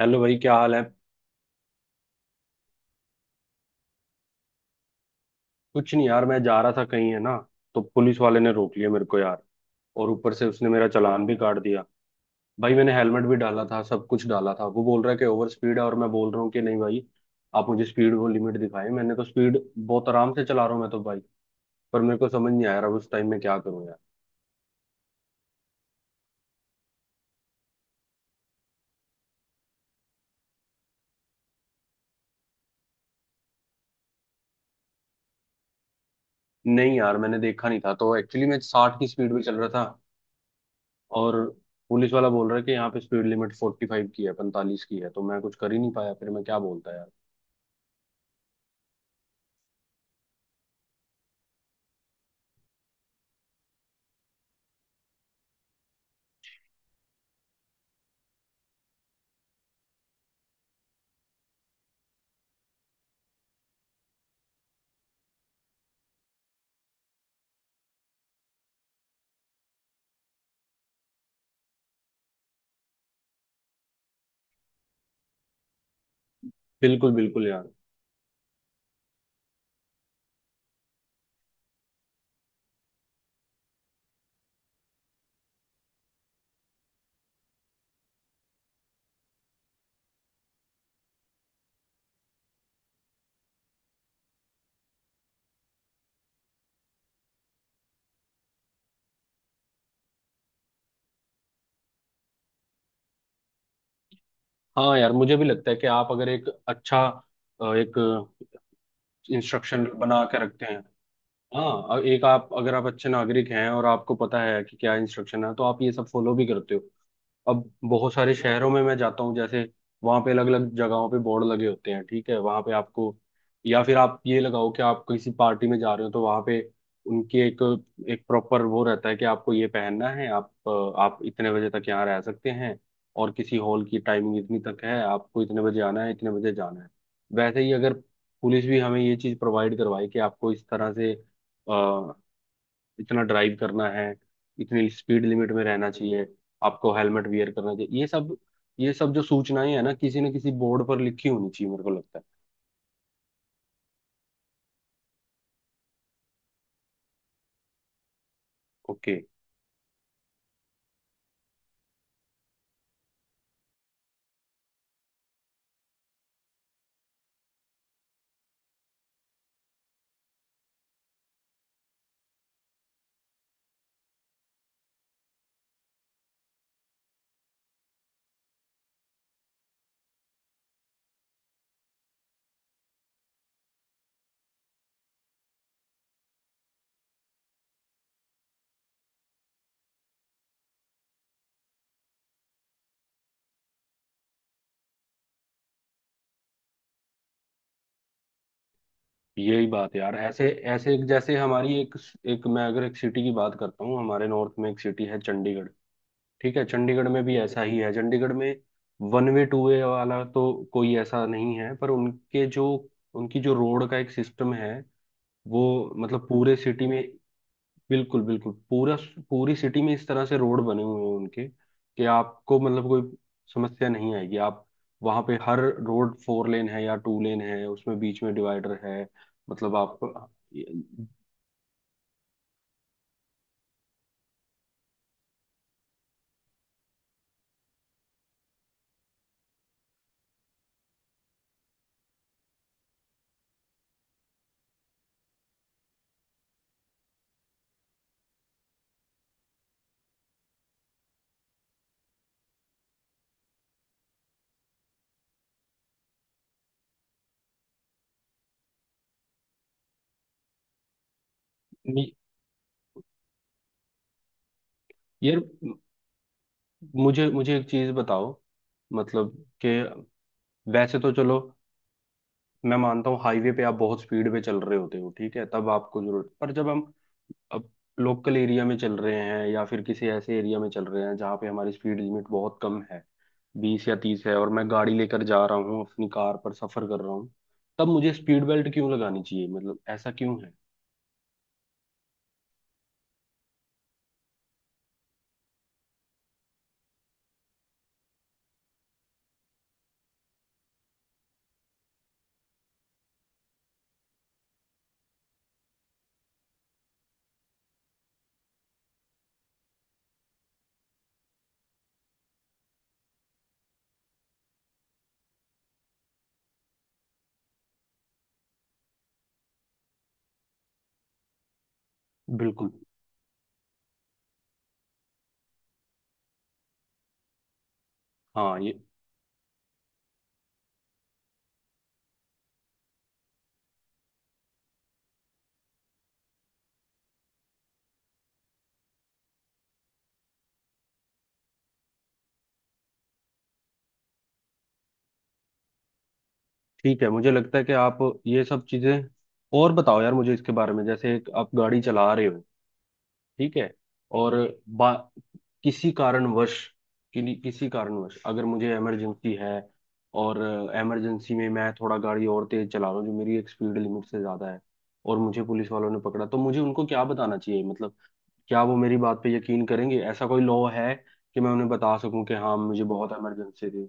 Hello भाई, क्या हाल है? कुछ नहीं यार, मैं जा रहा था कहीं, है ना। तो पुलिस वाले ने रोक लिया मेरे को यार। और ऊपर से उसने मेरा चालान भी काट दिया। भाई, मैंने हेलमेट भी डाला था, सब कुछ डाला था। वो बोल रहा है कि ओवर स्पीड है और मैं बोल रहा हूँ कि नहीं भाई, आप मुझे स्पीड वो लिमिट दिखाएं। मैंने तो स्पीड बहुत आराम से चला रहा हूँ मैं तो भाई। पर मेरे को समझ नहीं आया रहा उस टाइम में, क्या करूँ यार। नहीं यार, मैंने देखा नहीं था, तो एक्चुअली मैं 60 की स्पीड में चल रहा था। और पुलिस वाला बोल रहा है कि यहाँ पे स्पीड लिमिट 45 की है, 45 की है। तो मैं कुछ कर ही नहीं पाया, फिर मैं क्या बोलता यार। बिल्कुल बिल्कुल यार। हाँ यार, मुझे भी लगता है कि आप अगर एक अच्छा एक इंस्ट्रक्शन बना के रखते हैं। हाँ, एक आप अगर आप अच्छे नागरिक हैं और आपको पता है कि क्या इंस्ट्रक्शन है तो आप ये सब फॉलो भी करते हो। अब बहुत सारे शहरों में मैं जाता हूँ, जैसे वहां पे अलग अलग जगहों पे बोर्ड लगे होते हैं। ठीक है, वहां पे आपको, या फिर आप ये लगाओ कि आप किसी पार्टी में जा रहे हो तो वहां पे उनकी एक एक प्रॉपर वो रहता है कि आपको ये पहनना है। आप इतने बजे तक यहाँ रह सकते हैं। और किसी हॉल की टाइमिंग इतनी तक है, आपको इतने बजे आना है इतने बजे जाना है। वैसे ही अगर पुलिस भी हमें ये चीज प्रोवाइड करवाए कि आपको इस तरह से इतना ड्राइव करना है, इतनी स्पीड लिमिट में रहना चाहिए, आपको हेलमेट वियर करना चाहिए। ये सब जो सूचनाएं है ना किसी न किसी बोर्ड पर लिखी होनी चाहिए, मेरे को लगता है। ओके। यही बात है यार, ऐसे ऐसे एक जैसे हमारी एक एक मैं अगर एक सिटी की बात करता हूँ हमारे नॉर्थ में, एक सिटी है चंडीगढ़। ठीक है, चंडीगढ़ में भी ऐसा ही है। चंडीगढ़ में वन वे टू वे वाला तो कोई ऐसा नहीं है, पर उनके जो उनकी जो रोड का एक सिस्टम है वो, मतलब पूरे सिटी में। बिल्कुल बिल्कुल, पूरा पूरी सिटी में इस तरह से रोड बने हुए हैं उनके कि आपको मतलब कोई समस्या नहीं आएगी। आप वहां पे हर रोड फोर लेन है या टू लेन है, उसमें बीच में डिवाइडर है। मतलब आप ये- यार, मुझे मुझे एक चीज बताओ, मतलब कि वैसे तो चलो, मैं मानता हूँ हाईवे पे आप बहुत स्पीड पे चल रहे होते हो, ठीक है तब आपको जरूरत पर। जब हम अब लोकल एरिया में चल रहे हैं या फिर किसी ऐसे एरिया में चल रहे हैं जहाँ पे हमारी स्पीड लिमिट बहुत कम है, 20 या 30 है और मैं गाड़ी लेकर जा रहा हूँ अपनी कार पर सफर कर रहा हूँ, तब मुझे स्पीड बेल्ट क्यों लगानी चाहिए, मतलब ऐसा क्यों है? बिल्कुल। हाँ ये ठीक है, मुझे लगता है कि आप ये सब चीजें। और बताओ यार मुझे इसके बारे में, जैसे एक आप गाड़ी चला रहे हो ठीक है और बा किसी कारणवश, किसी कारणवश अगर मुझे इमरजेंसी है और इमरजेंसी में मैं थोड़ा गाड़ी और तेज चला रहा हूँ जो मेरी एक स्पीड लिमिट से ज्यादा है, और मुझे पुलिस वालों ने पकड़ा तो मुझे उनको क्या बताना चाहिए? मतलब क्या वो मेरी बात पे यकीन करेंगे? ऐसा कोई लॉ है कि मैं उन्हें बता सकूं कि हाँ मुझे बहुत इमरजेंसी थी?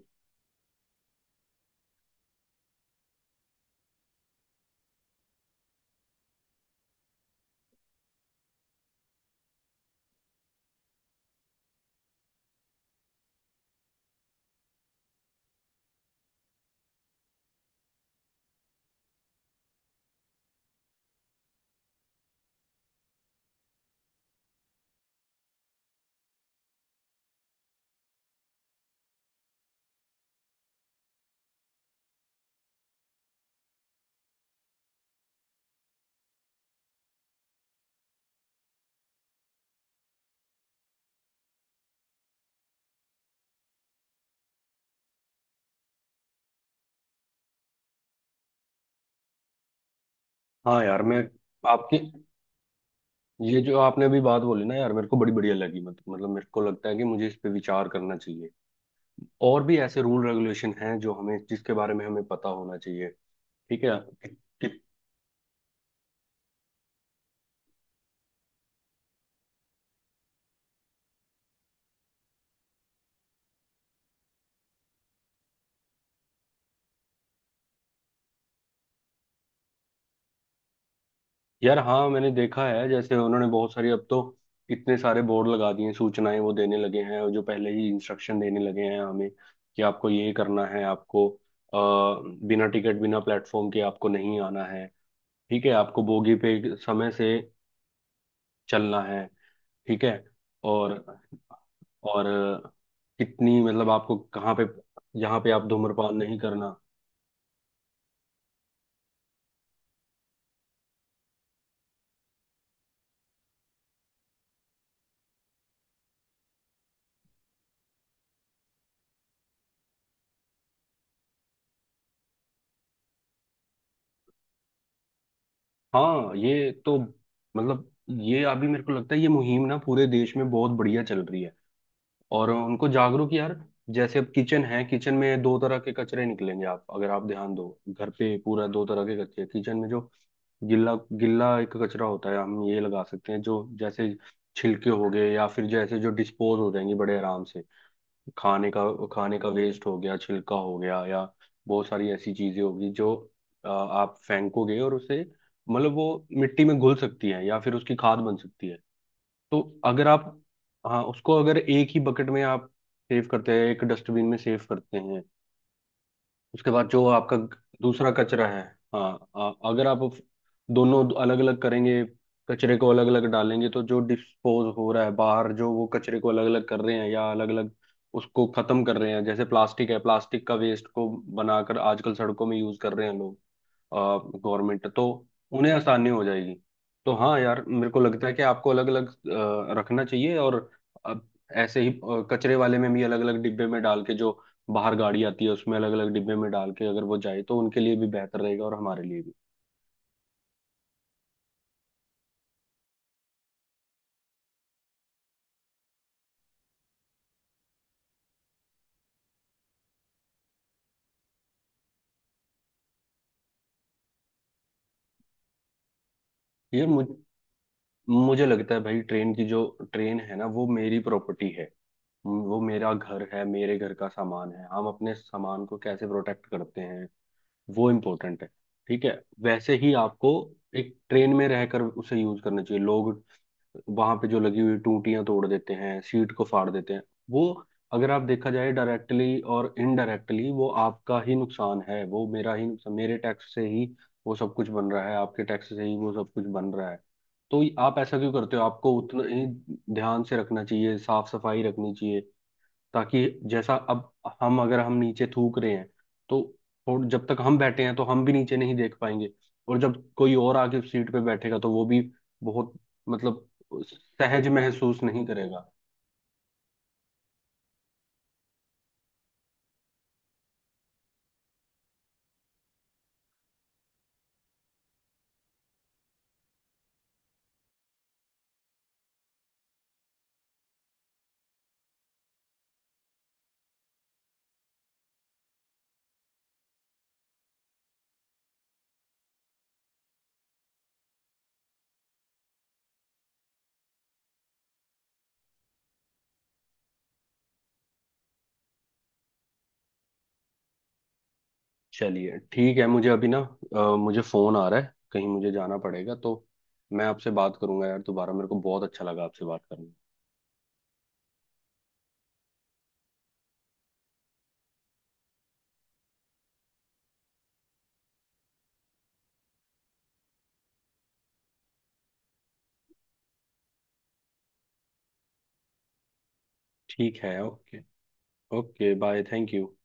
हाँ यार, मैं आपकी ये जो आपने अभी बात बोली ना यार, मेरे को बड़ी बढ़िया लगी। मतलब मेरे को लगता है कि मुझे इस पे विचार करना चाहिए। और भी ऐसे रूल रेगुलेशन हैं जो हमें जिसके बारे में हमें पता होना चाहिए। ठीक है। कि, कि, यार हाँ मैंने देखा है, जैसे उन्होंने बहुत सारी अब तो इतने सारे बोर्ड लगा दिए हैं, सूचनाएं वो देने लगे हैं और जो पहले ही इंस्ट्रक्शन देने लगे हैं हमें कि आपको ये करना है, आपको बिना टिकट बिना प्लेटफॉर्म के आपको नहीं आना है। ठीक है, आपको बोगी पे समय से चलना है। ठीक है। और और कितनी मतलब आपको कहाँ पे, यहाँ पे आप धूम्रपान नहीं करना। हाँ ये तो मतलब, ये अभी मेरे को लगता है ये मुहिम ना पूरे देश में बहुत बढ़िया चल रही है और उनको जागरूक यार। जैसे अब किचन है, किचन में दो तरह के कचरे निकलेंगे। आप अगर आप ध्यान दो घर पे, पूरा दो तरह के कचरे किचन में जो गिल्ला गिल्ला एक कचरा होता है। हम ये लगा सकते हैं जो जैसे छिलके हो गए या फिर जैसे जो डिस्पोज हो जाएंगे बड़े आराम से, खाने का खाने का वेस्ट हो गया छिलका हो गया। या बहुत सारी ऐसी चीजें होगी जो आप फेंकोगे और उसे, मतलब वो मिट्टी में घुल सकती है या फिर उसकी खाद बन सकती है। तो अगर आप। हाँ, उसको अगर एक ही बकेट में आप सेव करते हैं, एक डस्टबिन में सेव करते हैं उसके बाद जो आपका दूसरा कचरा है। हाँ, अगर आप दोनों अलग अलग करेंगे, कचरे को अलग अलग डालेंगे तो जो डिस्पोज हो रहा है बाहर जो वो कचरे को अलग अलग कर रहे हैं या अलग अलग उसको खत्म कर रहे हैं। जैसे प्लास्टिक है, प्लास्टिक का वेस्ट को बनाकर आजकल सड़कों में यूज कर रहे हैं लोग, गवर्नमेंट तो। उन्हें आसानी हो जाएगी तो। हाँ यार, मेरे को लगता है कि आपको अलग अलग रखना चाहिए और अब ऐसे ही कचरे वाले में भी अलग अलग डिब्बे में डाल के जो बाहर गाड़ी आती है उसमें अलग अलग डिब्बे में डाल के अगर वो जाए तो उनके लिए भी बेहतर रहेगा और हमारे लिए भी। ये मुझे लगता है भाई, ट्रेन की जो ट्रेन है ना वो मेरी प्रॉपर्टी है, वो मेरा घर है मेरे घर का सामान है। हम अपने सामान को कैसे प्रोटेक्ट करते हैं वो इम्पोर्टेंट है। ठीक है, वैसे ही आपको एक ट्रेन में रहकर उसे यूज करना चाहिए। लोग वहां पे जो लगी हुई टूटियां तोड़ देते हैं, सीट को फाड़ देते हैं वो, अगर आप देखा जाए डायरेक्टली और इनडायरेक्टली वो आपका ही नुकसान है, वो मेरा ही नुकसान। मेरे टैक्स से ही वो सब कुछ बन रहा है, आपके टैक्स से ही वो सब कुछ बन रहा है। तो आप ऐसा क्यों करते हो? आपको उतना ही ध्यान से रखना चाहिए, साफ सफाई रखनी चाहिए। ताकि जैसा अब हम अगर हम नीचे थूक रहे हैं तो, जब तक हम बैठे हैं तो हम भी नीचे नहीं देख पाएंगे। और जब कोई और आके उस सीट पे बैठेगा तो वो भी बहुत मतलब सहज महसूस नहीं करेगा। चलिए ठीक है, मुझे अभी ना मुझे फोन आ रहा है कहीं, मुझे जाना पड़ेगा तो मैं आपसे बात करूंगा यार दोबारा। मेरे को बहुत अच्छा लगा आपसे बात करना। ठीक है, okay. Okay bye, thank you.